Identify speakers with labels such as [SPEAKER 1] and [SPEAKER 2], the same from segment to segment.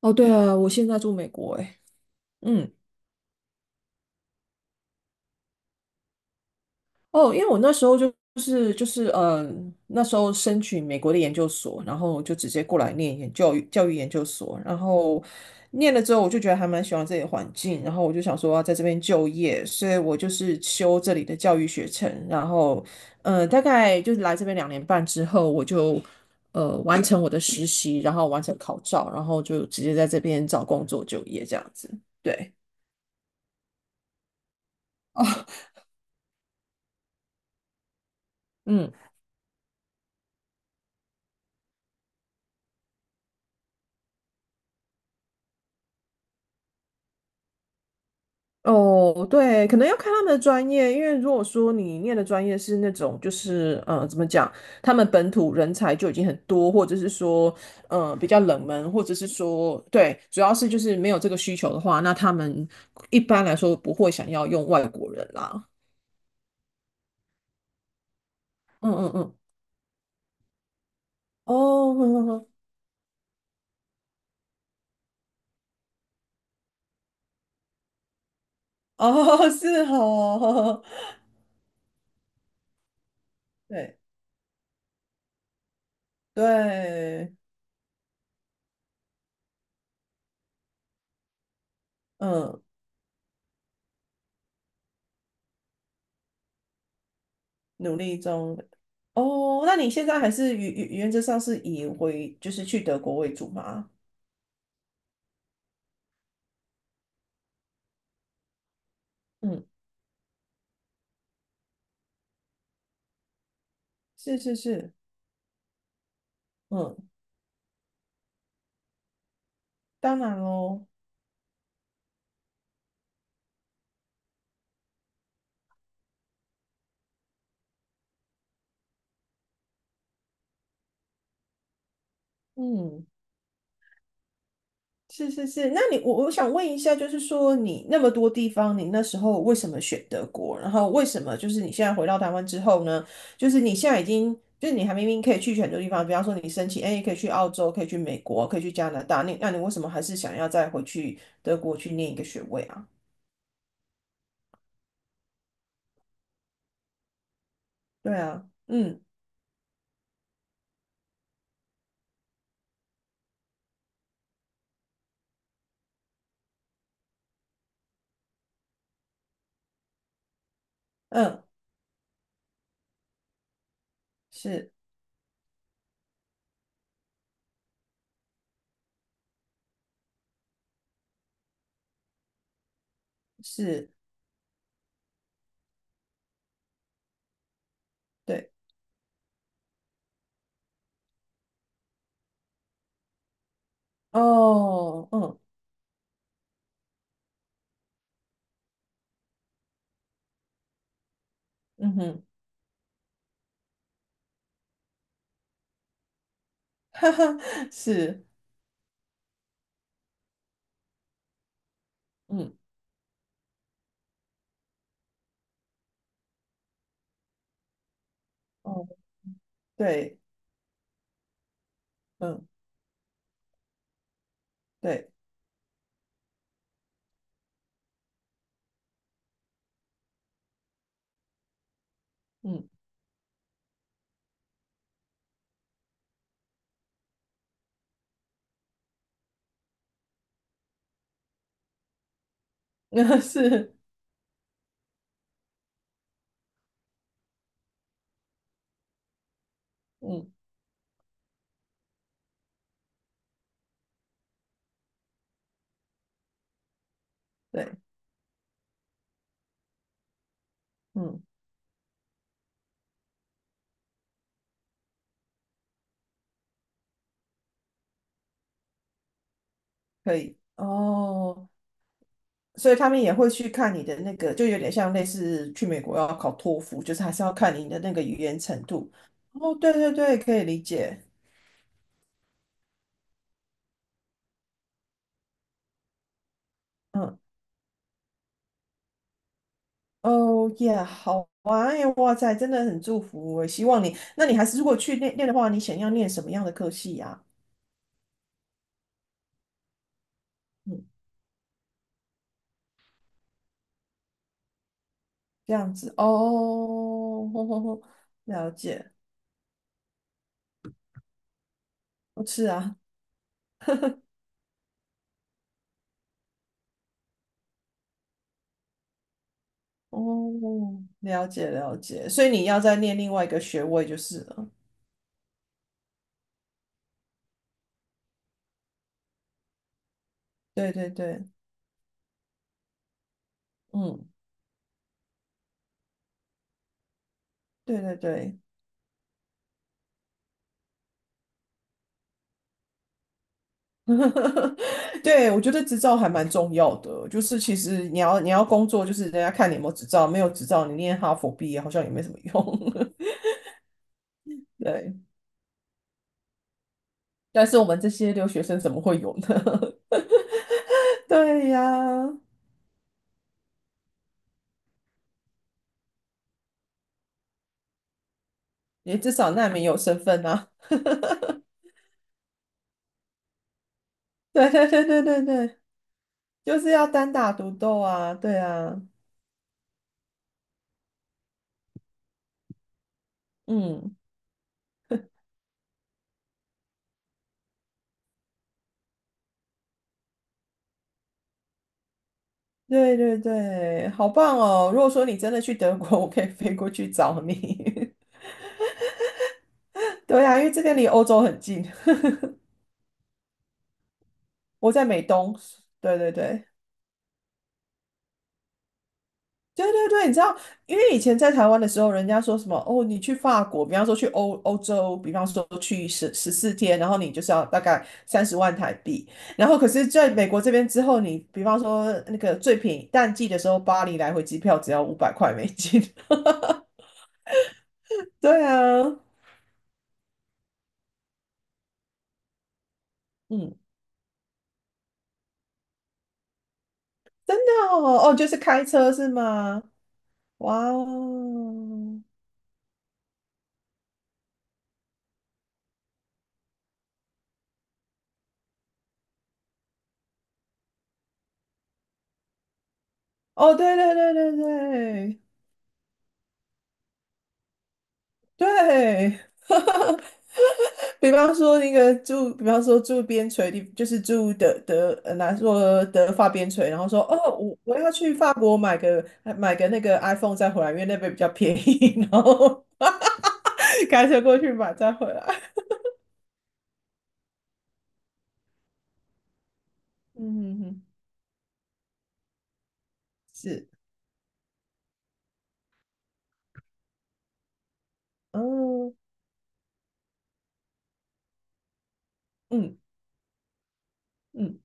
[SPEAKER 1] 哦，对啊，我现在住美国诶，嗯，哦，因为我那时候就是，那时候申请美国的研究所，然后就直接过来念研教育教育研究所，然后念了之后，我就觉得还蛮喜欢这里的环境，然后我就想说要在这边就业，所以我就是修这里的教育学程，然后大概就是来这边2年半之后，我就完成我的实习，然后完成考照，然后就直接在这边找工作就业这样子，对，嗯。哦，对，可能要看他们的专业，因为如果说你念的专业是那种，就是怎么讲，他们本土人才就已经很多，或者是说，比较冷门，或者是说，对，主要是就是没有这个需求的话，那他们一般来说不会想要用外国人啦。嗯嗯嗯，哦，呵呵呵，哦，是哦，对对，嗯，努力中。哦，那你现在还是原则上是以回就是去德国为主吗？嗯，是是是，嗯，当然喽，嗯，是是是。那你我想问一下，就是说你那么多地方，你那时候为什么选德国？然后为什么就是你现在回到台湾之后呢？就是你现在已经，就是你还明明可以去很多地方，比方说你申请，哎，可以去澳洲，可以去美国，可以去加拿大，你那你为什么还是想要再回去德国去念一个学位啊？对啊，嗯嗯，是是，对，哦，嗯嗯哼，哈哈，是。嗯。哦，对，嗯，对，嗯，那是，嗯，对，嗯，可以，哦，所以他们也会去看你的那个，就有点像类似去美国要考托福，就是还是要看你的那个语言程度。哦，对对对，可以理解，嗯，哦耶，好啊，哎呀，哇塞，真的很祝福我，希望你，那你还是如果去念念的话，你想要念什么样的科系呀、嗯，这样子，哦，吼吼吼，了解，不是啊。哦，了解了解，所以你要再念另外一个学位就是了。对对对，嗯，对对对，对，我觉得执照还蛮重要的，就是其实你要工作，就是人家看你有没有执照，没有执照你念哈佛毕业好像也没什么用。对，但是我们这些留学生怎么会有呢？对呀，也至少难民有身份啊。对对对对对对，就是要单打独斗啊。对啊，嗯。对对对，好棒哦！如果说你真的去德国，我可以飞过去找你。对啊，因为这边离欧洲很近，我在美东。对对对，对对对，你知道，因为以前在台湾的时候，人家说什么哦，你去法国，比方说去欧洲，比方说去14天，然后你就是要大概30万台币。然后可是在美国这边之后，你比方说那个最便宜淡季的时候，巴黎来回机票只要500块美金。对啊，嗯。真的哦，哦，就是开车是吗？哇哦，哦，对对对对对对，比方说那个住，比方说住边陲地，就是住德德，呃，拿说德法边陲，然后说哦，我要去法国买个那个 iPhone 再回来，因为那边比较便宜，然后 开车过去买再回来。嗯哼哼，是，哦，嗯嗯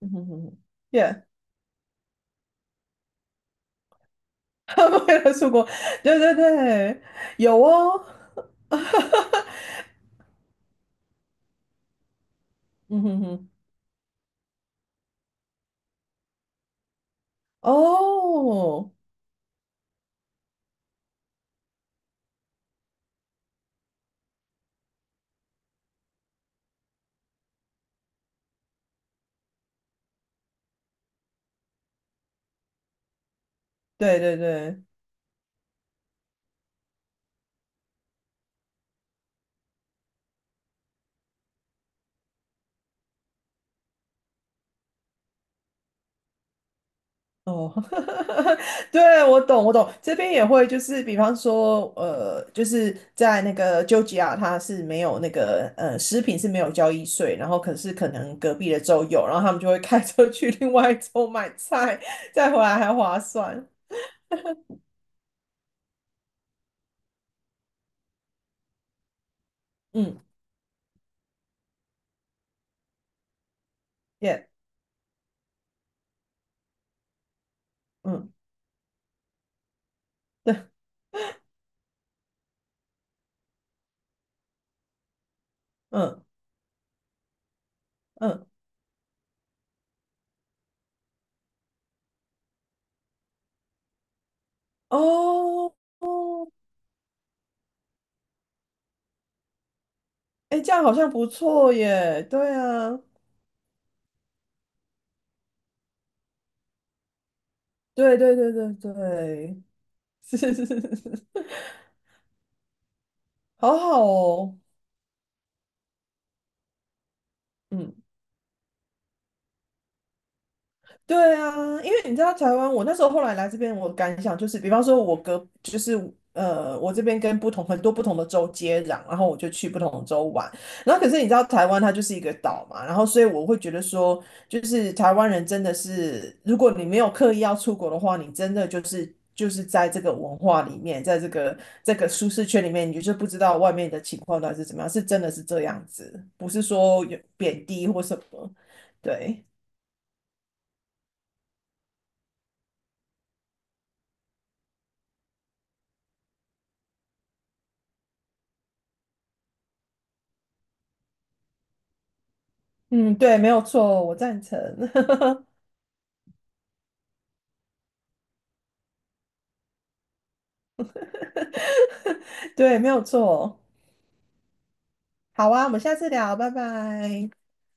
[SPEAKER 1] 嗯哼哼哼 他们为了出国，对对对，有哦，嗯哼哼，哦，对对对，哦，对，我懂我懂，这边也会就是，比方说，就是在那个丘吉亚，它是没有那个食品是没有交易税，然后可是可能隔壁的州有，然后他们就会开车去另外一州买菜，再回来还划算，嗯，耶，嗯，对，嗯嗯，嗯哦。哎，这样好像不错耶。对啊，对对对对对，是是是是，是好好哦。嗯。对啊，因为你知道台湾，我那时候后来来这边，我感想就是，比方说，我隔就是呃，我这边跟不同很多不同的州接壤，然后我就去不同的州玩。然后可是你知道台湾它就是一个岛嘛，然后所以我会觉得说，就是台湾人真的是，如果你没有刻意要出国的话，你真的就是在这个文化里面，在这个舒适圈里面，你就是不知道外面的情况到底是怎么样，是真的是这样子，不是说有贬低或什么，对。嗯，对，没有错，我赞成。对，没有错。好啊，我们下次聊，拜拜。